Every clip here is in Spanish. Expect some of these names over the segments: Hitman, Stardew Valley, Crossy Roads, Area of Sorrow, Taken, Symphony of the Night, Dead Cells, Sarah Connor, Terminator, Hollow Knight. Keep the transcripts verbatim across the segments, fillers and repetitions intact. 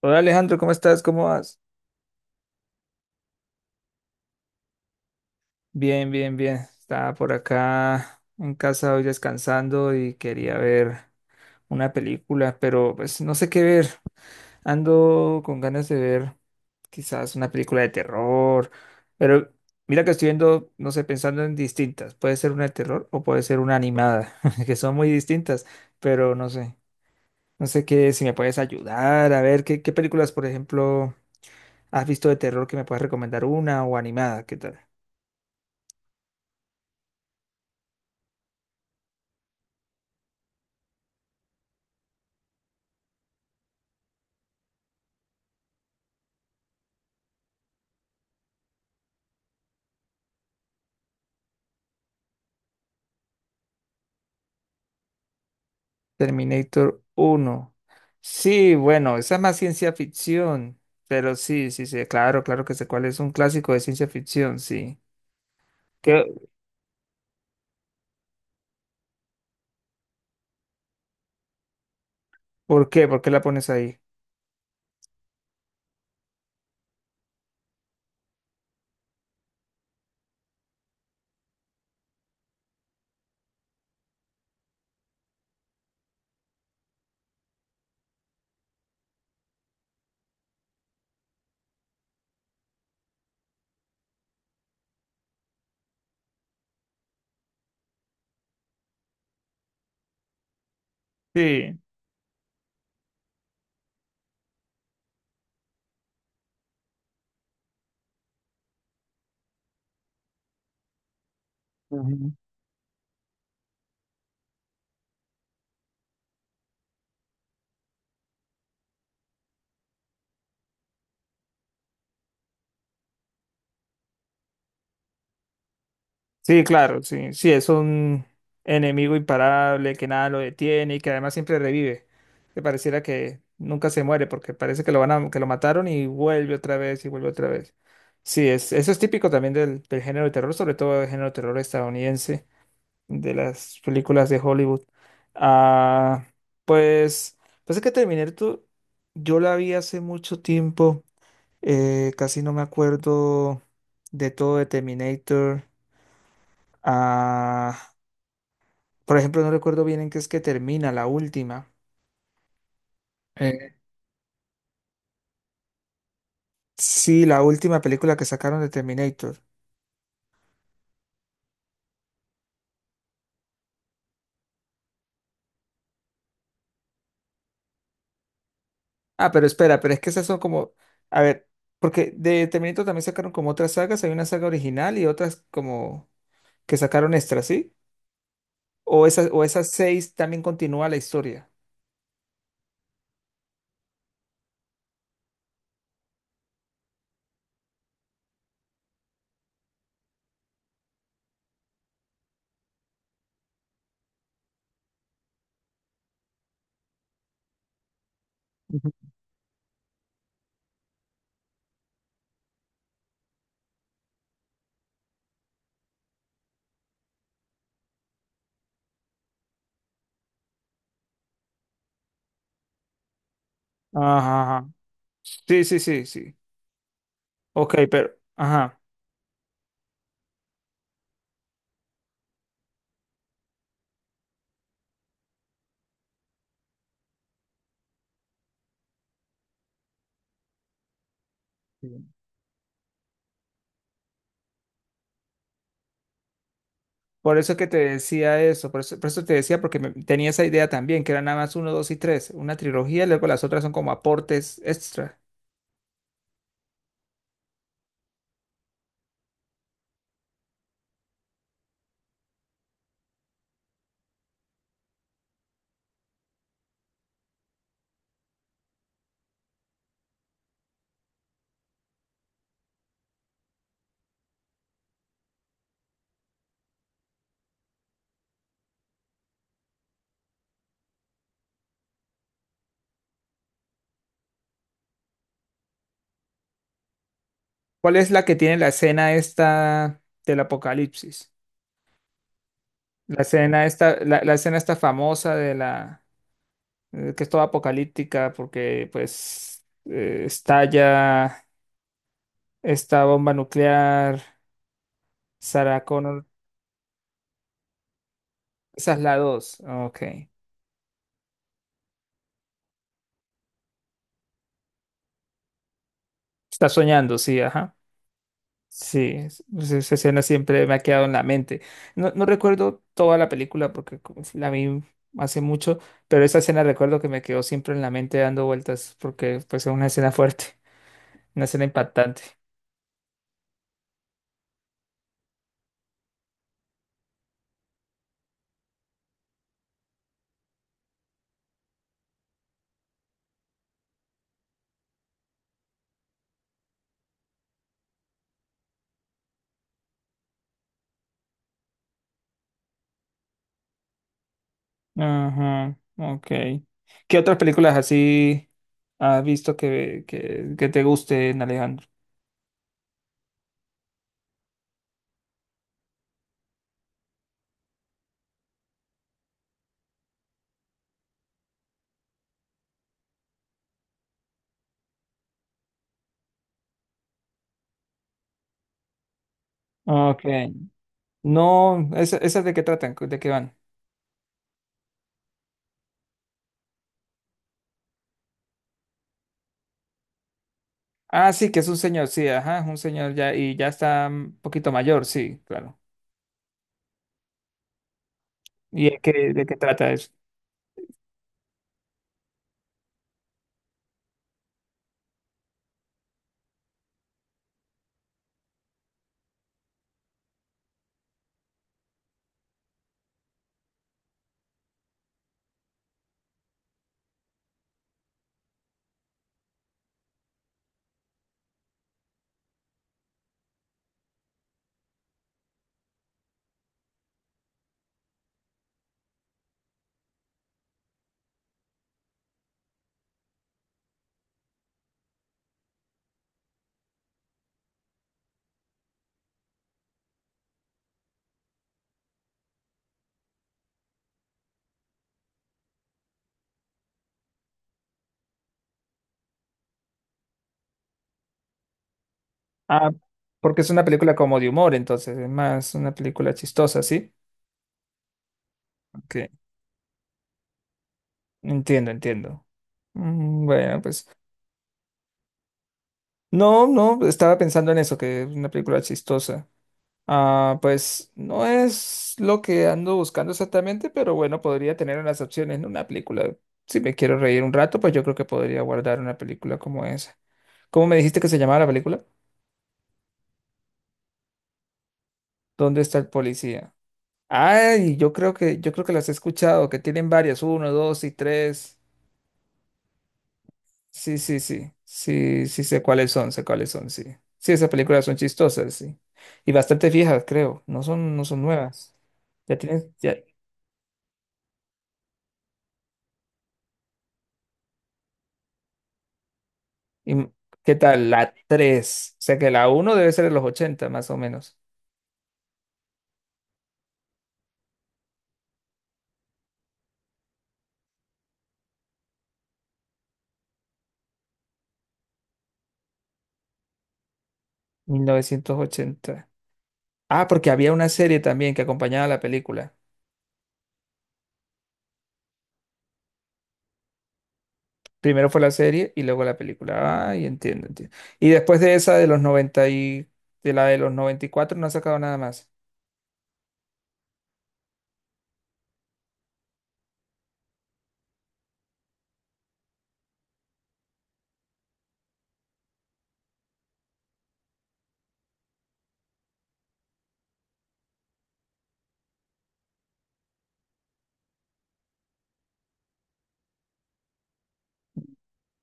Hola Alejandro, ¿cómo estás? ¿Cómo vas? Bien, bien, bien. Estaba por acá en casa hoy descansando y quería ver una película, pero pues no sé qué ver. Ando con ganas de ver quizás una película de terror, pero mira que estoy viendo, no sé, pensando en distintas. Puede ser una de terror o puede ser una animada, que son muy distintas, pero no sé. No sé qué, si me puedes ayudar a ver qué, qué películas, por ejemplo, has visto de terror que me puedas recomendar una o animada, ¿qué tal? Terminator uno. Sí, bueno, esa es más ciencia ficción, pero sí, sí, sí, claro, claro que sé cuál es, un clásico de ciencia ficción, sí. ¿Qué? ¿Por qué? ¿Por qué la pones ahí? Sí. Ujú. Sí, claro, sí, sí, es un enemigo imparable que nada lo detiene y que además siempre revive, que pareciera que nunca se muere porque parece que lo van a, que lo mataron y vuelve otra vez y vuelve otra vez. Sí, es, eso es típico también del, del género de terror, sobre todo del género de terror estadounidense, de las películas de Hollywood. Ah, pues, pues es que Terminator, yo la vi hace mucho tiempo, eh, casi no me acuerdo de todo de Terminator. Ah, por ejemplo, no recuerdo bien en qué es que termina la última. Eh, sí, la última película que sacaron de Terminator. Ah, pero espera, pero es que esas son como, a ver, porque de Terminator también sacaron como otras sagas, hay una saga original y otras como que sacaron extras, ¿sí? O esas, o esas seis también continúa la historia. Ujú. Ajá, ajá. Sí, sí, sí, sí. Ok, pero, ajá. Sí. Por eso que te decía eso, por eso, por eso te decía, porque me- tenía esa idea también, que eran nada más uno, dos y tres, una trilogía, y luego las otras son como aportes extra. ¿Cuál es la que tiene la escena esta del apocalipsis? La escena esta, la, la escena esta famosa de la, eh, que es toda apocalíptica porque pues eh, estalla esta bomba nuclear, Sarah Connor, esa es la dos. Ok. Está soñando, sí, ajá. Sí, es- pues esa escena siempre me ha quedado en la mente. No, no recuerdo toda la película porque como la vi hace mucho, pero esa escena recuerdo que me quedó siempre en la mente dando vueltas porque pues es una escena fuerte, una escena impactante. Ajá, ok. ¿Qué otras películas así has visto que, que, que te gusten, Alejandro? Ok. No, ¿esa- esas de qué tratan? ¿De qué van? Ah, sí, que es un señor, sí, ajá, es un señor ya y ya está un poquito mayor, sí, claro. ¿Y de qué, de qué trata eso? Ah, porque es una película como de humor, entonces, es más una película chistosa, ¿sí? Que entiendo, entiendo. Mm, Bueno, pues, no, no, estaba pensando en eso, que es una película chistosa. Ah, pues, no es lo que ando buscando exactamente, pero bueno, podría tener unas opciones en una película. Si me quiero reír un rato, pues yo creo que podría guardar una película como esa. ¿Cómo me dijiste que se llamaba la película? ¿Dónde está el policía? Ay, yo creo que, yo creo que las he escuchado, que tienen varias, uno, dos y tres. Sí, sí, sí. Sí, sí sé cuáles son, sé cuáles son, sí. Sí, esas películas son chistosas, sí. Y bastante viejas, creo. No son, no son nuevas. Ya tienes, ya. y- ¿Qué tal? La tres. O sea que la uno debe ser de los ochenta, más o menos. Mil novecientos ochenta. Ah, porque había una serie también que acompañaba a la película. Primero fue la serie y luego la película. Ay, entiendo, entiendo. Y después de esa de los noventa y de la de los noventa y cuatro no ha sacado nada más.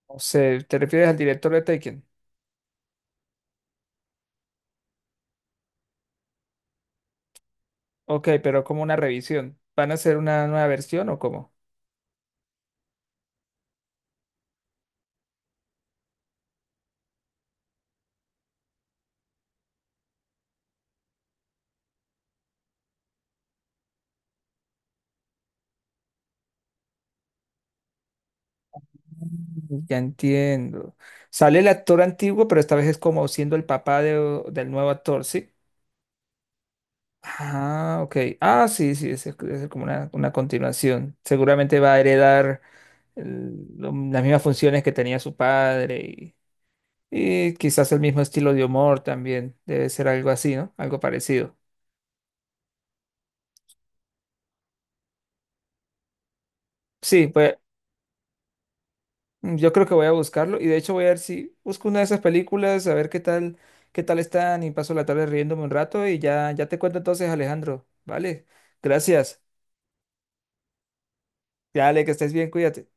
O sea, ¿te refieres al director de Taken? Ok, pero como una revisión. ¿Van a hacer una nueva versión o cómo? Mm, Ya entiendo. Sale el actor antiguo, pero esta vez es como siendo el papá de- del nuevo actor, ¿sí? Ah, ok. Ah, sí, sí, es, es como una, una continuación. Seguramente va a heredar el- lo- las mismas funciones que tenía su padre. Y quizás el mismo estilo de humor también debe ser algo así, ¿no? Algo parecido. Sí, pues mm, yo creo que voy a buscarlo y de hecho voy a ver si busco una de esas películas, a ver qué tal, qué tal están y paso la tarde riéndome un rato y ya, ya te cuento entonces, Alejandro, ¿vale? Gracias. Dale, que estés bien, cuídate.